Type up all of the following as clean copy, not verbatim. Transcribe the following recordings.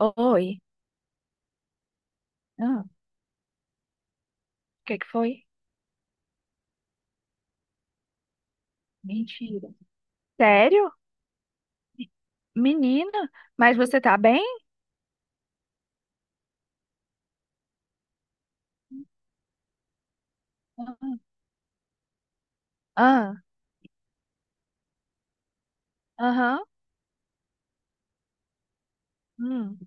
Oi. Ah, o que que foi? Mentira. Sério? Menina, mas você tá bem? Ah, aham. Hum,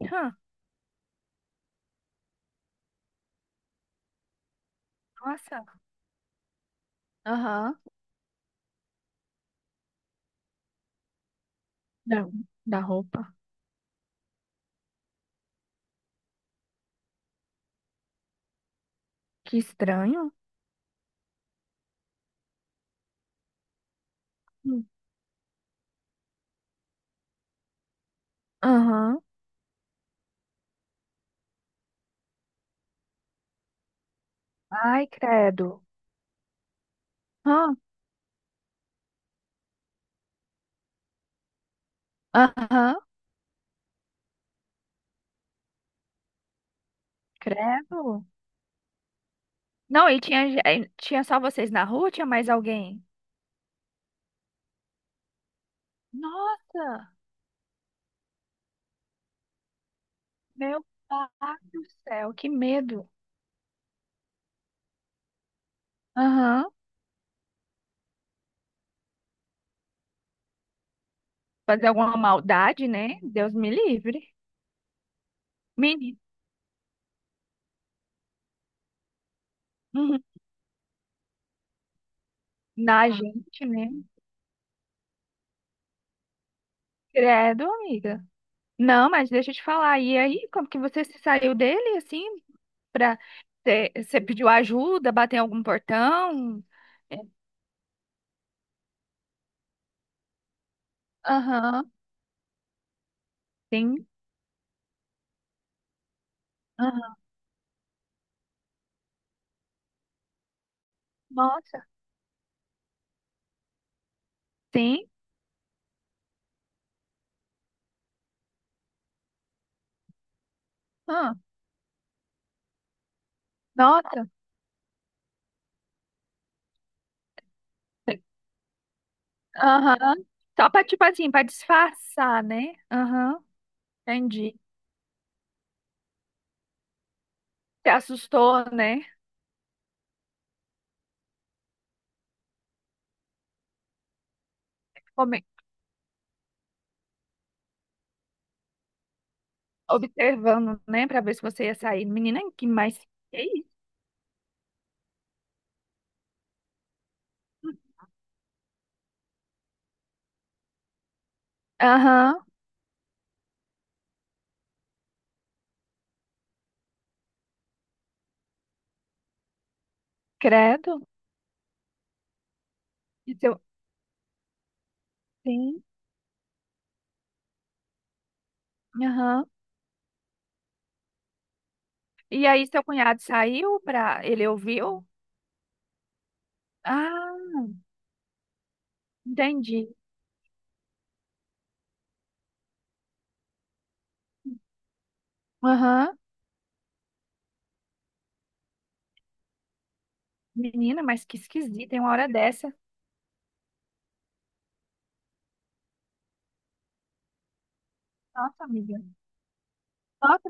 hã, nossa. Aham. Da, da roupa. Que estranho. Hum, Aham. Ai, credo. Hã, aham. Credo. Não, e tinha, e tinha só vocês na rua? Tinha mais alguém? Nossa, meu pai do céu, que medo. Aham. Fazer alguma maldade, né? Deus me livre. Menino, uhum. Na gente, né? Credo, amiga. Não, mas deixa eu te falar. E aí, como que você se saiu dele, assim, pra... Você pediu ajuda, bateu em algum portão? É, aham, sim. Aham. Nossa, sim. Ah, nossa. Aham. Só pra, tipo assim, pra disfarçar, né? Aham, entendi. Se assustou, né? Come- Observando, né? Pra ver se você ia sair. Menina, que mais... Que isso? Aham, credo. E seu... Sim, aham. E aí seu cunhado saiu pra... Ele ouviu? Ah, entendi. Aham. Menina, mas que esquisita, tem uma hora dessa. Nossa, amiga. Nossa,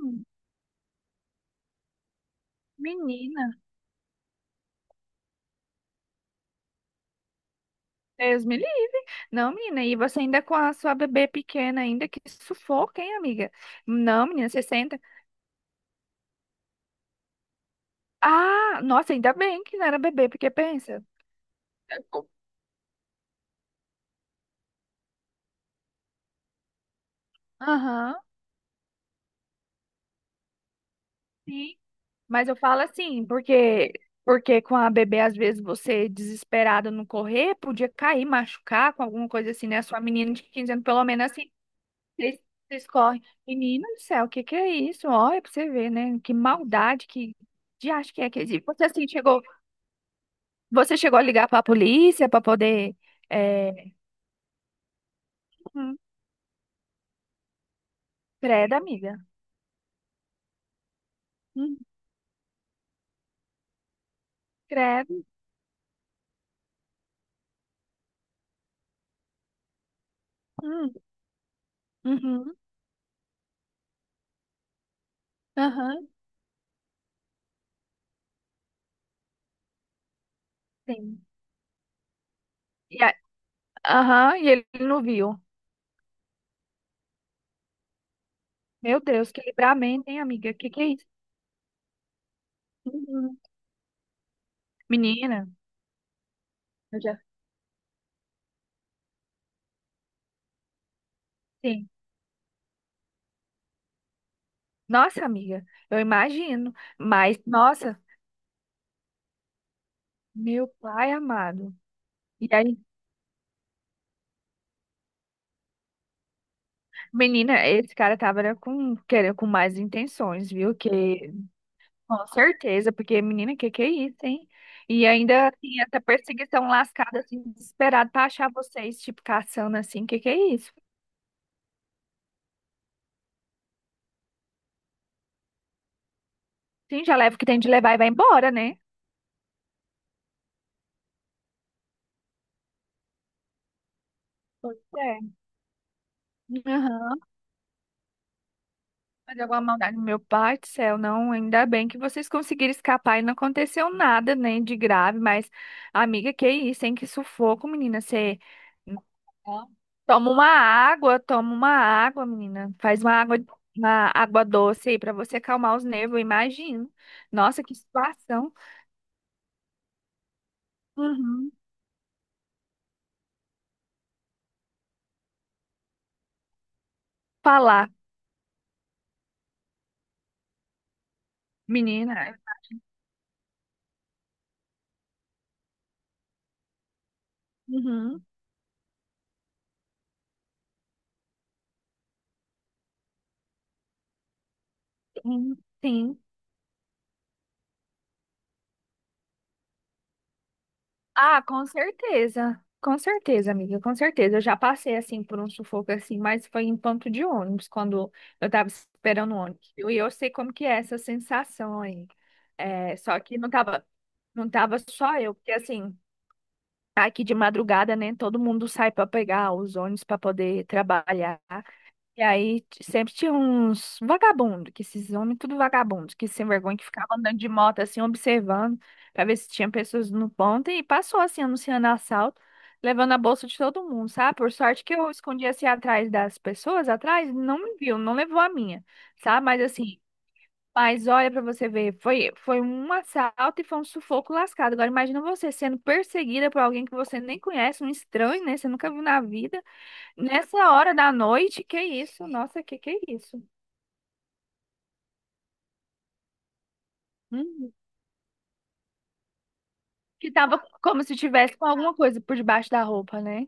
menina. Deus me livre. Não, menina, e você ainda com a sua bebê pequena ainda, que sufoco, hein, amiga? Não, menina, você senta. Ah, nossa, ainda bem que não era bebê, porque pensa. Aham. Sim. Mas eu falo assim, porque porque com a bebê, às vezes, você desesperado no correr, podia cair, machucar com alguma coisa assim, né? Sua menina de 15 anos, pelo menos assim, vocês, vocês correm. Menina do céu, o que que é isso? Olha pra você ver, né? Que maldade, que de acho que é que existe. Você assim chegou, você chegou a ligar pra polícia pra poder. É... Hum, credo, amiga. Hum, credo. Hum, uhum, aham, sim. E a- Aham, e ele não viu. Meu Deus, que livramento, hein, amiga? Que é isso? Uhum. Menina, eu já sim. Nossa, amiga, eu imagino. Mas, nossa, meu pai amado. E aí, menina, esse cara tava era com, querendo, com mais intenções, viu? Que, com certeza, porque, menina, que é isso, hein? E ainda assim, essa perseguição lascada, assim, desesperada pra achar vocês, tipo, caçando assim, que é isso? Sim, já leva o que tem de levar e vai embora, né? Pois é. Aham. Mas alguma maldade. Meu pai do céu, não. Ainda bem que vocês conseguiram escapar e não aconteceu nada, né, de grave. Mas, amiga, que isso, hein? Que sufoco, menina. Você não. Toma uma água, toma uma água, menina. Faz uma água doce aí pra você acalmar os nervos, eu imagino. Nossa, que situação. Uhum. Falar, menina. Uhum. Sim. Sim. Ah, com certeza. Com certeza, amiga, com certeza. Eu já passei assim por um sufoco assim, mas foi em ponto de ônibus, quando eu tava esperando o ônibus. E eu sei como que é essa sensação aí. É, só que não tava, não tava só eu, porque assim, tá aqui de madrugada, né, todo mundo sai para pegar os ônibus para poder trabalhar. E aí t- sempre tinha uns vagabundos, que esses homens tudo vagabundos, que sem vergonha, que ficavam andando de moto assim, observando, pra ver se tinha pessoas no ponto, e passou assim, anunciando assalto, levando a bolsa de todo mundo, sabe? Por sorte que eu escondi assim atrás das pessoas, atrás, não me viu, não levou a minha, sabe? Mas assim, mas olha pra você ver, foi, foi um assalto e foi um sufoco lascado. Agora imagina você sendo perseguida por alguém que você nem conhece, um estranho, né? Você nunca viu na vida. Nessa hora da noite, que isso? Nossa, que é isso? Uhum. Que tava como se tivesse com alguma coisa por debaixo da roupa, né?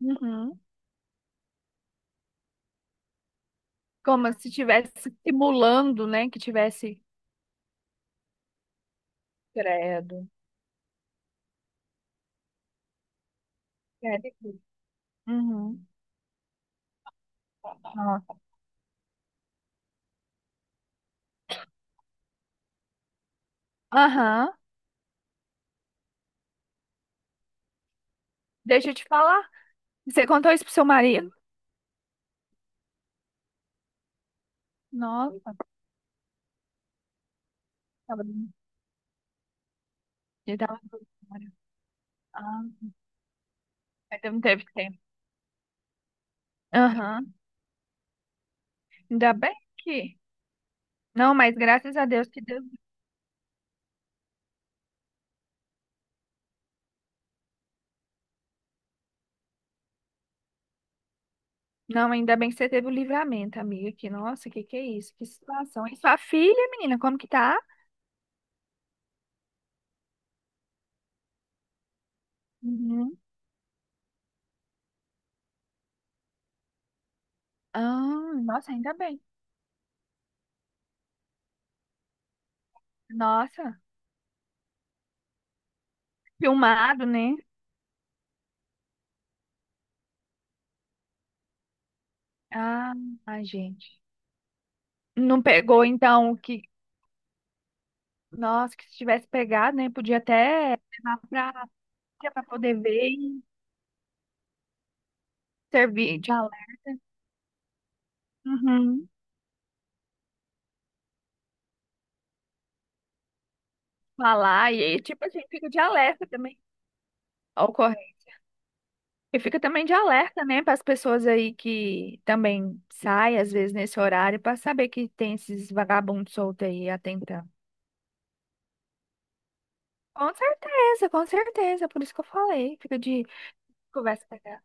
Uhum. Como se tivesse simulando, né? Que tivesse. Credo. Credo. Uhum. Ó. Aham. Deixa eu te falar. Você contou isso pro seu marido? Nossa, tava... ele tava. Ah, mas não teve tempo. Aham. Ainda bem que. Não, mas graças a Deus que Deus não, ainda bem que você teve o livramento, amiga. Que, nossa, que é isso? Que situação. E sua filha, menina, como que tá? Uhum. Ah, nossa, ainda bem. Nossa, filmado, né? Ah, ai, gente. Não pegou, então, que. Nossa, que se tivesse pegado, né? Podia até levar pra, pra poder ver e servir de alerta. Uhum. Falar. E, tipo assim, fica de alerta também. E fica também de alerta, né, para as pessoas aí que também saem, às vezes, nesse horário, para saber que tem esses vagabundos soltos aí atentando. Com certeza, por isso que eu falei. Fica de conversa com ela.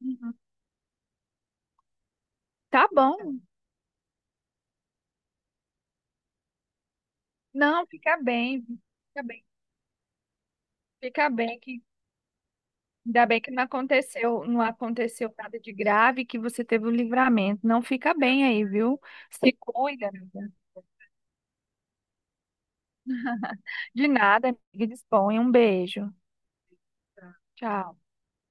Uhum. Tá bom. Não, fica bem, fica bem, fica bem que ainda bem que não aconteceu, não aconteceu nada de grave, que você teve o livramento. Não fica bem aí, viu? Se cuida, amiga. De nada, amiga. Disponha. Um beijo. Tchau.